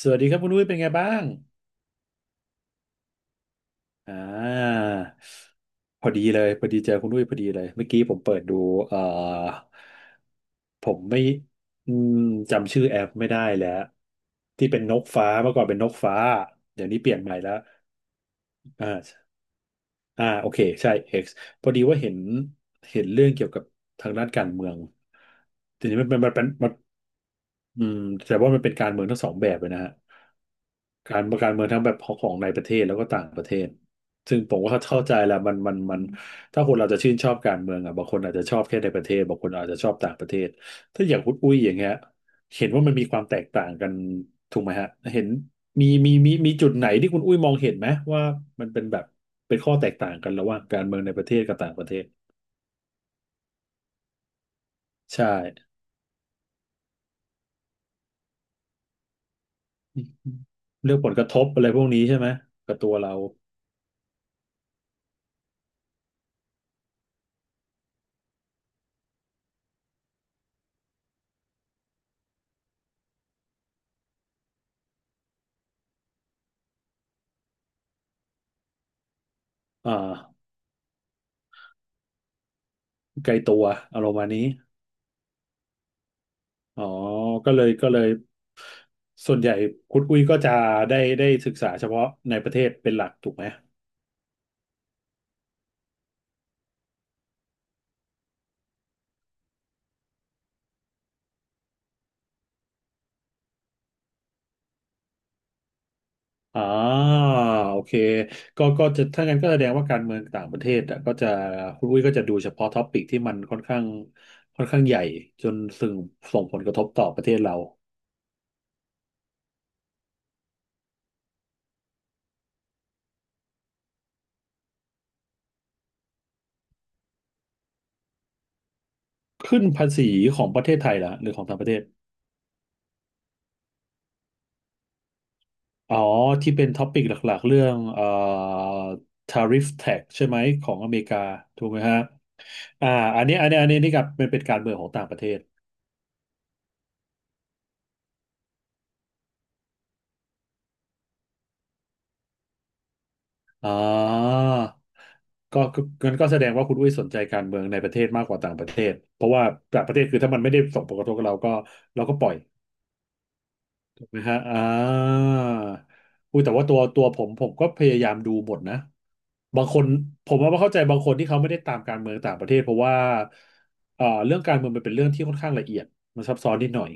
สวัสดีครับคุณอุ้ยเป็นไงบ้าง อ่าพอดีเลยพอดีเจอคุณอุ้ยพอดีเลยเมื่อกี้ผมเปิดดูผมไม่อืมจำชื่อแอปไม่ได้แล้วที่เป็นนกฟ้าเมื่อก่อนเป็นนกฟ้าเดี๋ยวนี้เปลี่ยนใหม่แล้วอ่าอ่าโอเคใช่ X พอดีว่าเห็นเรื่องเกี่ยวกับทางด้านการเมืองทีนี้มันเป็นมันเป็นมัน อืมแต่ว่ามันเป็นการเมืองทั้งสองแบบเลยนะฮะการเมืองทั้งแบบของในประเทศแล้วก็ต่างประเทศซึ่งผมก็เข้าใจแหละมันถ้าคนเราจะชื่นชอบการเมืองอ่ะบางคนอาจจะชอบแค่ในประเทศบางคนอาจจะชอบต่างประเทศถ้าอย่างคุณอุ้ยอย่างเงี้ยเห็นว่ามันมีความแตกต่างกันถูกไหมฮะเห็นมีจุดไหนที่คุณอุ้ยมองเห็นไหมว่ามันเป็นแบบเป็นข้อแตกต่างกันระหว่างการเมืองในประเทศกับต่างประเทศใช่เรื่องผลกระทบอะไรพวกนี้ใช่ไหมกับตัวเราอ่า ไกลตัวอารมณ์มาณนี้ อ๋อก็เลยส่วนใหญ่คุณอุ้ยก็จะได้ศึกษาเฉพาะในประเทศเป็นหลักถูกไหม อ๋อโอเคก็จะถ้างั้นก็แสดงว่าการเมืองต่างประเทศอะก็จะคุณอุ้ยก็จะดูเฉพาะท็อปิกที่มันค่อนข้างใหญ่จนส่งผลกระทบต่อประเทศเราขึ้นภาษีของประเทศไทยเหรอหรือของต่างประเทศอ๋อที่เป็นท็อปิกหลักๆเรื่องtariff tax ใช่ไหมของอเมริกาถูกไหมฮะ อ่าอันนี้นี่กับเป็นการเมืองของต่างประเทศอ๋อก็งั้นก็แสดงว่าคุณอุ้ยสนใจการเมืองในประเทศมากกว่าต่างประเทศเพราะว่าต่างประเทศคือถ้ามันไม่ได้ส่งผลกระทบกับเราก็เราก็ปล่อย ถูกไหมฮะอ่าอุ้ยแต่ว่าตัวผมผมก็พยายามดูหมดนะ บางคนผมว่าเข้าใจบางคนที่เขาไม่ได้ตามการเมืองต่างประเทศเพราะว่าเรื่องการเมืองมันเป็นเรื่องที่ค่อนข้างละเอียดมันซับซ้อนนิดหน่อย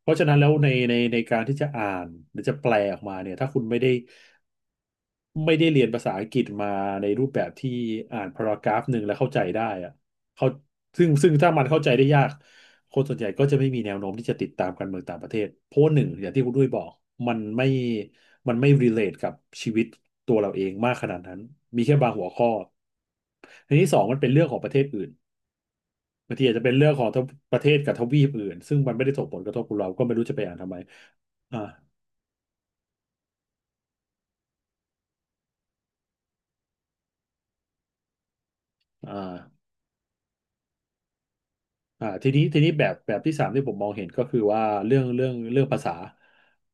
เพราะฉะนั้นแล้วในการที่จะอ่านหรือจะแปลออกมาเนี่ยถ้าคุณไม่ได้ ไม่ได้เรียนภาษาอังกฤษมาในรูปแบบที่อ่านพารากราฟหนึ่งแล้วเข้าใจได้อะเขาซึ่งถ้ามันเข้าใจได้ยากคนส่วนใหญ่ก็จะไม่มีแนวโน้มที่จะติดตามการเมืองต่างประเทศเพราะหนึ่งอย่างที่คุณด้วยบอกมันไม่มันไม่ relate กับชีวิตตัวเราเองมากขนาดนั้นมีแค่บางหัวข้ออันที่สองมันเป็นเรื่องของประเทศอื่นบางทีอาจจะเป็นเรื่องของประเทศกับทวีปอื่นซึ่งมันไม่ได้ส่งผลกระทบกับเราก็ไม่รู้จะไปอ่านทำไมอ่าอ่า อ่าทีนี้แบบที่สามที่ผมมองเห็นก็คือว่าเรื่องภาษา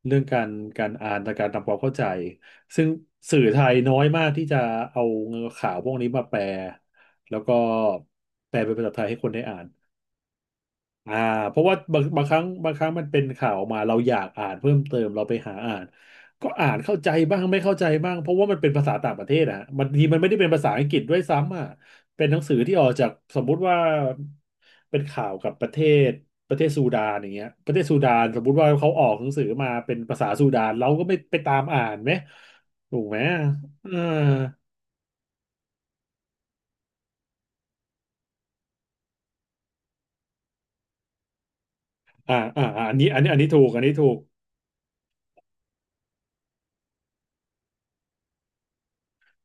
เรื่องการอ่านและการทำความเข้าใจซึ่งสื่อไทยน้อยมากที่จะเอาข่าวพวกนี้มาแปลแล้วก็แปลเป็นภาษาไทยให้คนได้อ่าน อ่าเพราะว่าบางครั้งมันเป็นข่าวออกมาเราอยากอ่านเพิ่มเติมเราไปหาอ่านก็อ่านเข้าใจบ้างไม่เข้าใจบ้างเพราะว่ามันเป็นภาษาต่างประเทศอะบางทีมันไม่ได้เป็นภาษาอังกฤษด้วยซ้ำอ่ะเป็นหนังสือที่ออกจากสมมุติว่าเป็นข่าวกับศประเทศซูดานอย่างเงี้ยประเทศซูดานสมมุติว่าเขาออกหนังสือมาเป็นภาษาซูดานเราก็ไม่ไปตามอ่านไหมถูกไหมอ่าอ่าอ่าอันนี้ถูกอันนี้ถูก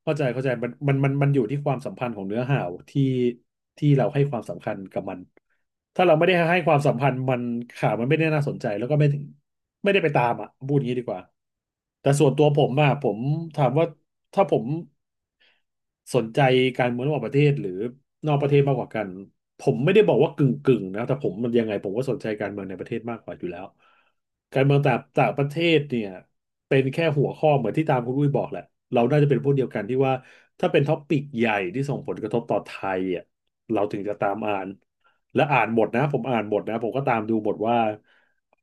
เข้าใจเข้าใจมันอยู่ที่ความสัมพันธ์ของเนื้อหาที่ที่เราให้ความสำคัญกับมันถ้าเราไม่ได้ให้ความสัมพันธ์มันข่าวมันไม่ได้น่าสนใจแล้วก็ไม่ถึงไม่ได้ไปตามอ่ะพูดอย่างนี้ดีกว่าแต่ส่วนตัวผมอ่ะผมถามว่าถ้าผมสนใจการเมืองระหว่างประเทศหรือนอกประเทศมากกว่ากันผมไม่ได้บอกว่ากึ่งนะแต่ผมมันยังไงผมก็สนใจการเมืองในประเทศมากกว่าอยู่แล้วการเมืองต่างต่างประเทศเนี่ย เป็นแค่หัวข้อเหมือนที่ตามคุณอุ้ยบอกแหละเราน่าจะเป็นพวกเดียวกันที่ว่าถ้าเป็นท็อปปิกใหญ่ที่ส่งผลกระทบต่อไทยอ่ะเราถึงจะตามอ่านและอ่านหมดนะผมอ่านหมดนะผมก็ตามดูหมดว่า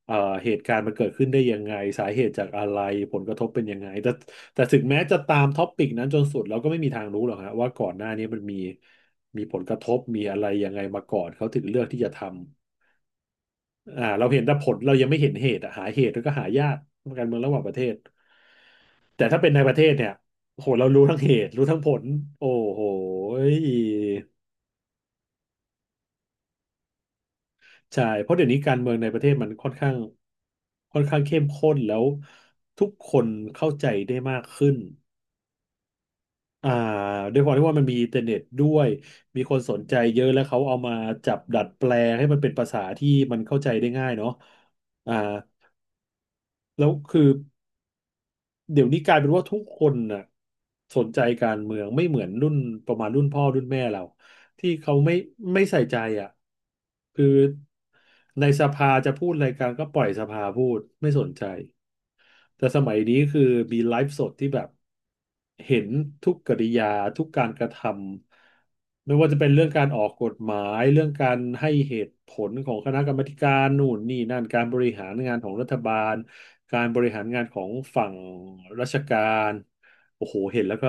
เอ่อเหตุการณ์มันเกิดขึ้นได้ยังไงสาเหตุจากอะไรผลกระทบเป็นยังไงแต่ถึงแม้จะตามท็อปปิกนั้นจนสุดเราก็ไม่มีทางรู้หรอกฮะว่าก่อนหน้านี้มันมีผลกระทบมีอะไรยังไงมาก่อนเขาถึงเลือกที่จะทำอ่าเราเห็นแต่ผลเรายังไม่เห็นเหตุอะหาเหตุแล้วก็หายากการเมืองระหว่างประเทศ แต่ถ้าเป็นในประเทศเนี่ยโหเรารู้ทั้งเหตุรู้ทั้งผลโอ้โหยใช่เพราะเดี๋ยวนี้การเมืองในประเทศมันค่อนข้างเข้มข้นแล้วทุกคนเข้าใจได้มากขึ้นอ่าด้วยความที่ว่ามันมีอินเทอร์เน็ตด้วยมีคนสนใจเยอะแล้วเขาเอามาจับดัดแปลงให้มันเป็นภาษาที่มันเข้าใจได้ง่ายเนาะอ่าแล้วคือ เดี๋ยวนี้กลายเป็นว่าทุกคนน่ะสนใจการเมืองไม่เหมือนรุ่นประมาณรุ่นพ่อรุ่นแม่เราที่เขาไม่ใส่ใจอ่ะคือในสภาจะพูดอะไรกันก็ปล่อยสภาพูดไม่สนใจ แต่สมัยนี้คือมีไลฟ์สดที่แบบเห็นทุกกริยาทุกการกระทำไม่ว่าจะเป็นเรื่องการออกกฎหมายเรื่องการให้เหตุผลของคณะกรรมาธิการนู่นนี่นั่นการบริหารงานของรัฐบาลการบริหารงานของฝั่งราชการโอ้โหเห็นแล้วก็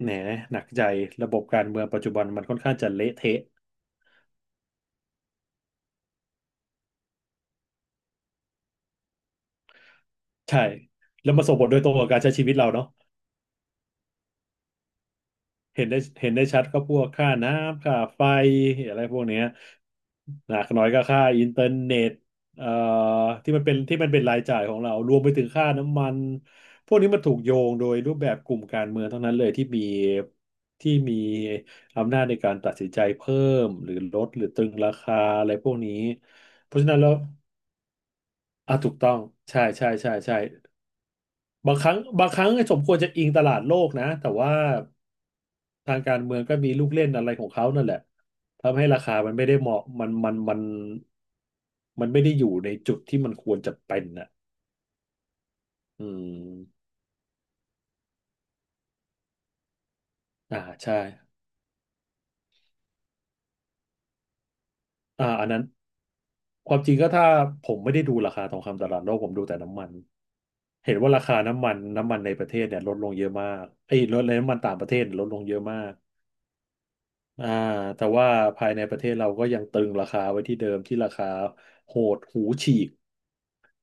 แหนหนักใจระบบการเมืองปัจจุบันมันค่อนข้างจะเละเทะใช่แล้วมาส่งผลโดยตรงกับการใช้ชีวิตเราเนาะ เห็นได้ชัดก็พวกค่าน้ำค่าไฟอะไรพวกเนี้ยหนักหน่อยก็ค่าอินเทอร์เน็ตเอ่อที่มันเป็นรายจ่ายของเรารวมไปถึงค่าน้ำมันพวกนี้มันถูกโยงโดยรูปแบบกลุ่มการเมืองทั้งนั้นเลยที่มีอำนาจในการตัดสินใจเพิ่มหรือลดหรือตรึงราคาอะไรพวกนี้เพราะฉะนั้นแล้วอ่ะถูกต้องใช่ใช่ใช่ใช่ บางครั้งสมควรจะอิงตลาดโลกนะแต่ว่าทางการเมืองก็มีลูกเล่นอะไรของเขานั่นแหละทำให้ราคามันไม่ได้เหมาะมันมันไม่ได้อยู่ในจุดที่มันควรจะเป็นน่ะอืมอ่าใช่อ่าอันนั้นความจริงก็ถ้าผมไม่ได้ดูราคาทองคำตลาดโลกผมดูแต่น้ำมันเห็นว่าราคาน้ำมันในประเทศเนี่ยลดลงเยอะมากไอ้ยลดในน้ำมันต่างประเทศลดลงเยอะมาก อ่าแต่ว่าภายในประเทศเราก็ยังตรึงราคาไว้ที่เดิมที่ราคาโหดหูฉีก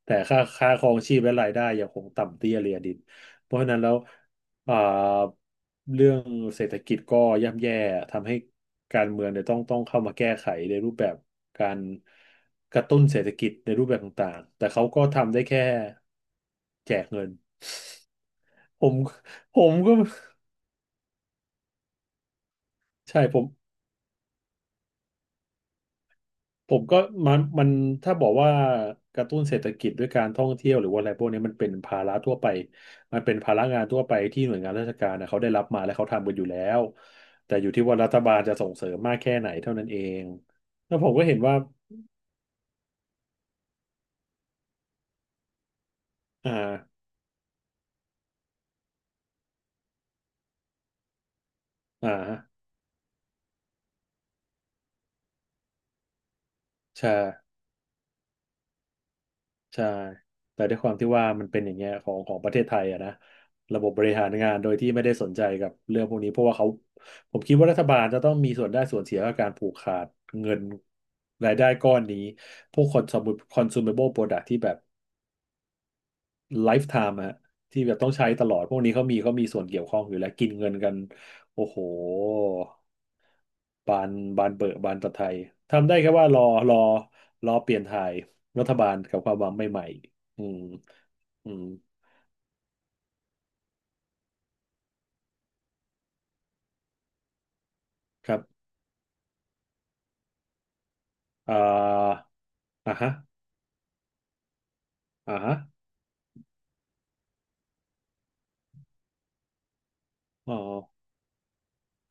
แต่ค่าครองชีพและรายได้ยังคงต่ำเตี้ยเรียดินเพราะฉะนั้นแล้วอ่าเรื่องเศรษฐกิจก็ย่ำแย่ทำให้การเมืองเนี่ยต้องเข้ามาแก้ไขในรูปแบบการกระตุ้นเศรษฐกิจในรูปแบบต่างๆแต่เขาก็ทำได้แค่แจกเงินผมผมก็ใช่ผม ผมก็มันถ้าบอกว่ากระตุ้นเศรษฐกิจด้วยการท่องเที่ยวหรือว่าอะไรพวกนี้มันเป็นภาระทั่วไปมันเป็นภาระงานทั่วไปที่หน่วยงานราชการนะเขาได้รับมาและเขาทำกันอยู่แล้วแต่อยู่ที่ว่ารัฐบาลจะส่งเสริมมากแค่ไหนเท่านั้นเองแล้วผมก็เห็นว่าอ่าอ่าใช่ ใช่แต่ด้วยความที่ว่ามันเป็นอย่างเงี้ยของประเทศไทยอะนะระบบบริหารงานโดยที่ไม่ได้สนใจกับเรื่องพวกนี้เพราะว่าเขาผมคิดว่ารัฐบาลจะต้องมีส่วนได้ส่วนเสียกับการผูกขาดเงินรายได้ก้อนนี้พวกคอน consumable product ที่แบบ ไลฟ์ไทม์ฮะที่แบบต้องใช้ตลอดพวกนี้เขามีส่วนเกี่ยวข้องอยู่แล้วกินเงินกันโอ้โหบานบานเบอะบานตะไทยทำได้แค่ว่ารอรอรอเปลี่ยนถ่ายรัฐบาลกับความหวังใหม่ๆอืมอืมครับอ่าอ่าฮะอ่าฮะอ๋อ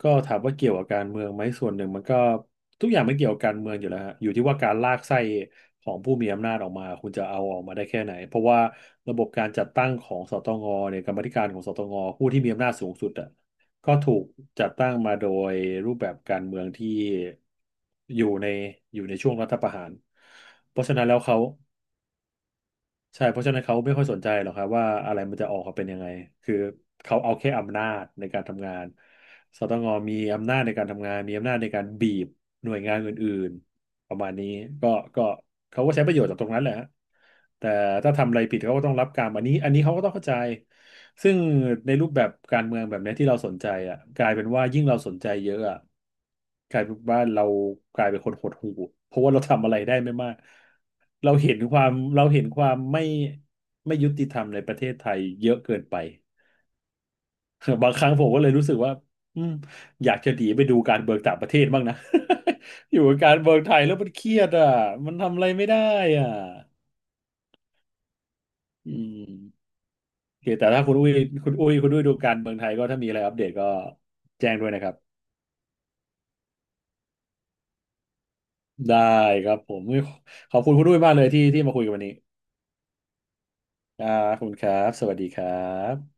ก็ถามว่าเกี่ยวกับการเมืองไหมส่วนหนึ่งมันก็ทุกอย่างไม่เกี่ยวกับการเมืองอยู่แล้วฮะอยู่ที่ว่าการลากไส้ของผู้มีอำนาจออกมาคุณจะเอาออกมาได้แค่ไหนเพราะว่าระบบการจัดตั้งของสตงเนี่ยกรรมาธิการของสตงผู้ที่มีอำนาจสูงสุดอ่ะก็ถูกจัดตั้งมาโดยรูปแบบการเมืองที่อยู่ในอยู่ในช่วงรัฐประหารเพราะฉะนั้นแล้วเขา ใช่เพราะฉะนั้นเขาไม่ค่อยสนใจหรอกครับว่าอะไรมันจะออกมาเป็นยังไง คือเขาเอาแค่อำนาจในการทำงานสตงมีอำนาจในการทำงานมีอำนาจในการบีบหน่วยงานอื่นๆประมาณนี้ก็ก็เขาก็ใช้ประโยชน์จากตรงนั้นแหละฮะแต่ถ้าทำอะไรผิดเขาก็ต้องรับกรรมอันนี้เขาก็ต้องเข้าใจซึ่งในรูปแบบการเมืองแบบเนี้ยที่เราสนใจอ่ะกลายเป็นว่ายิ่งเราสนใจเยอะอ่ะ กลายเป็นว่าเรากลายเป็นคนหดหู่เพราะว่าเราทำอะไรได้ไม่มากเราเห็นความเราเห็นความไม่ยุติธรรมในประเทศไทยเยอะเกินไป บางครั้งผมก็เลยรู้สึกว่าอืมอยากจะหนีไปดูการเบิกต่างประเทศบ้างนะ อยู่กับการเบิกไทยแล้วมันเครียดอ่ะมันทำอะไรไม่ได้อ่ะอืมโอเคแต่ถ้าคุณอุ้ยคุณอุ้ยดูการเมืองไทยก็ถ้ามีอะไรอัปเดตก็แจ้งด้วยนะครับได้ครับผมขอบคุณคุณอุ้ยมากเลยที่มาคุยกันวันนี้ อ่าขอบคุณครับ สวัสดีครับ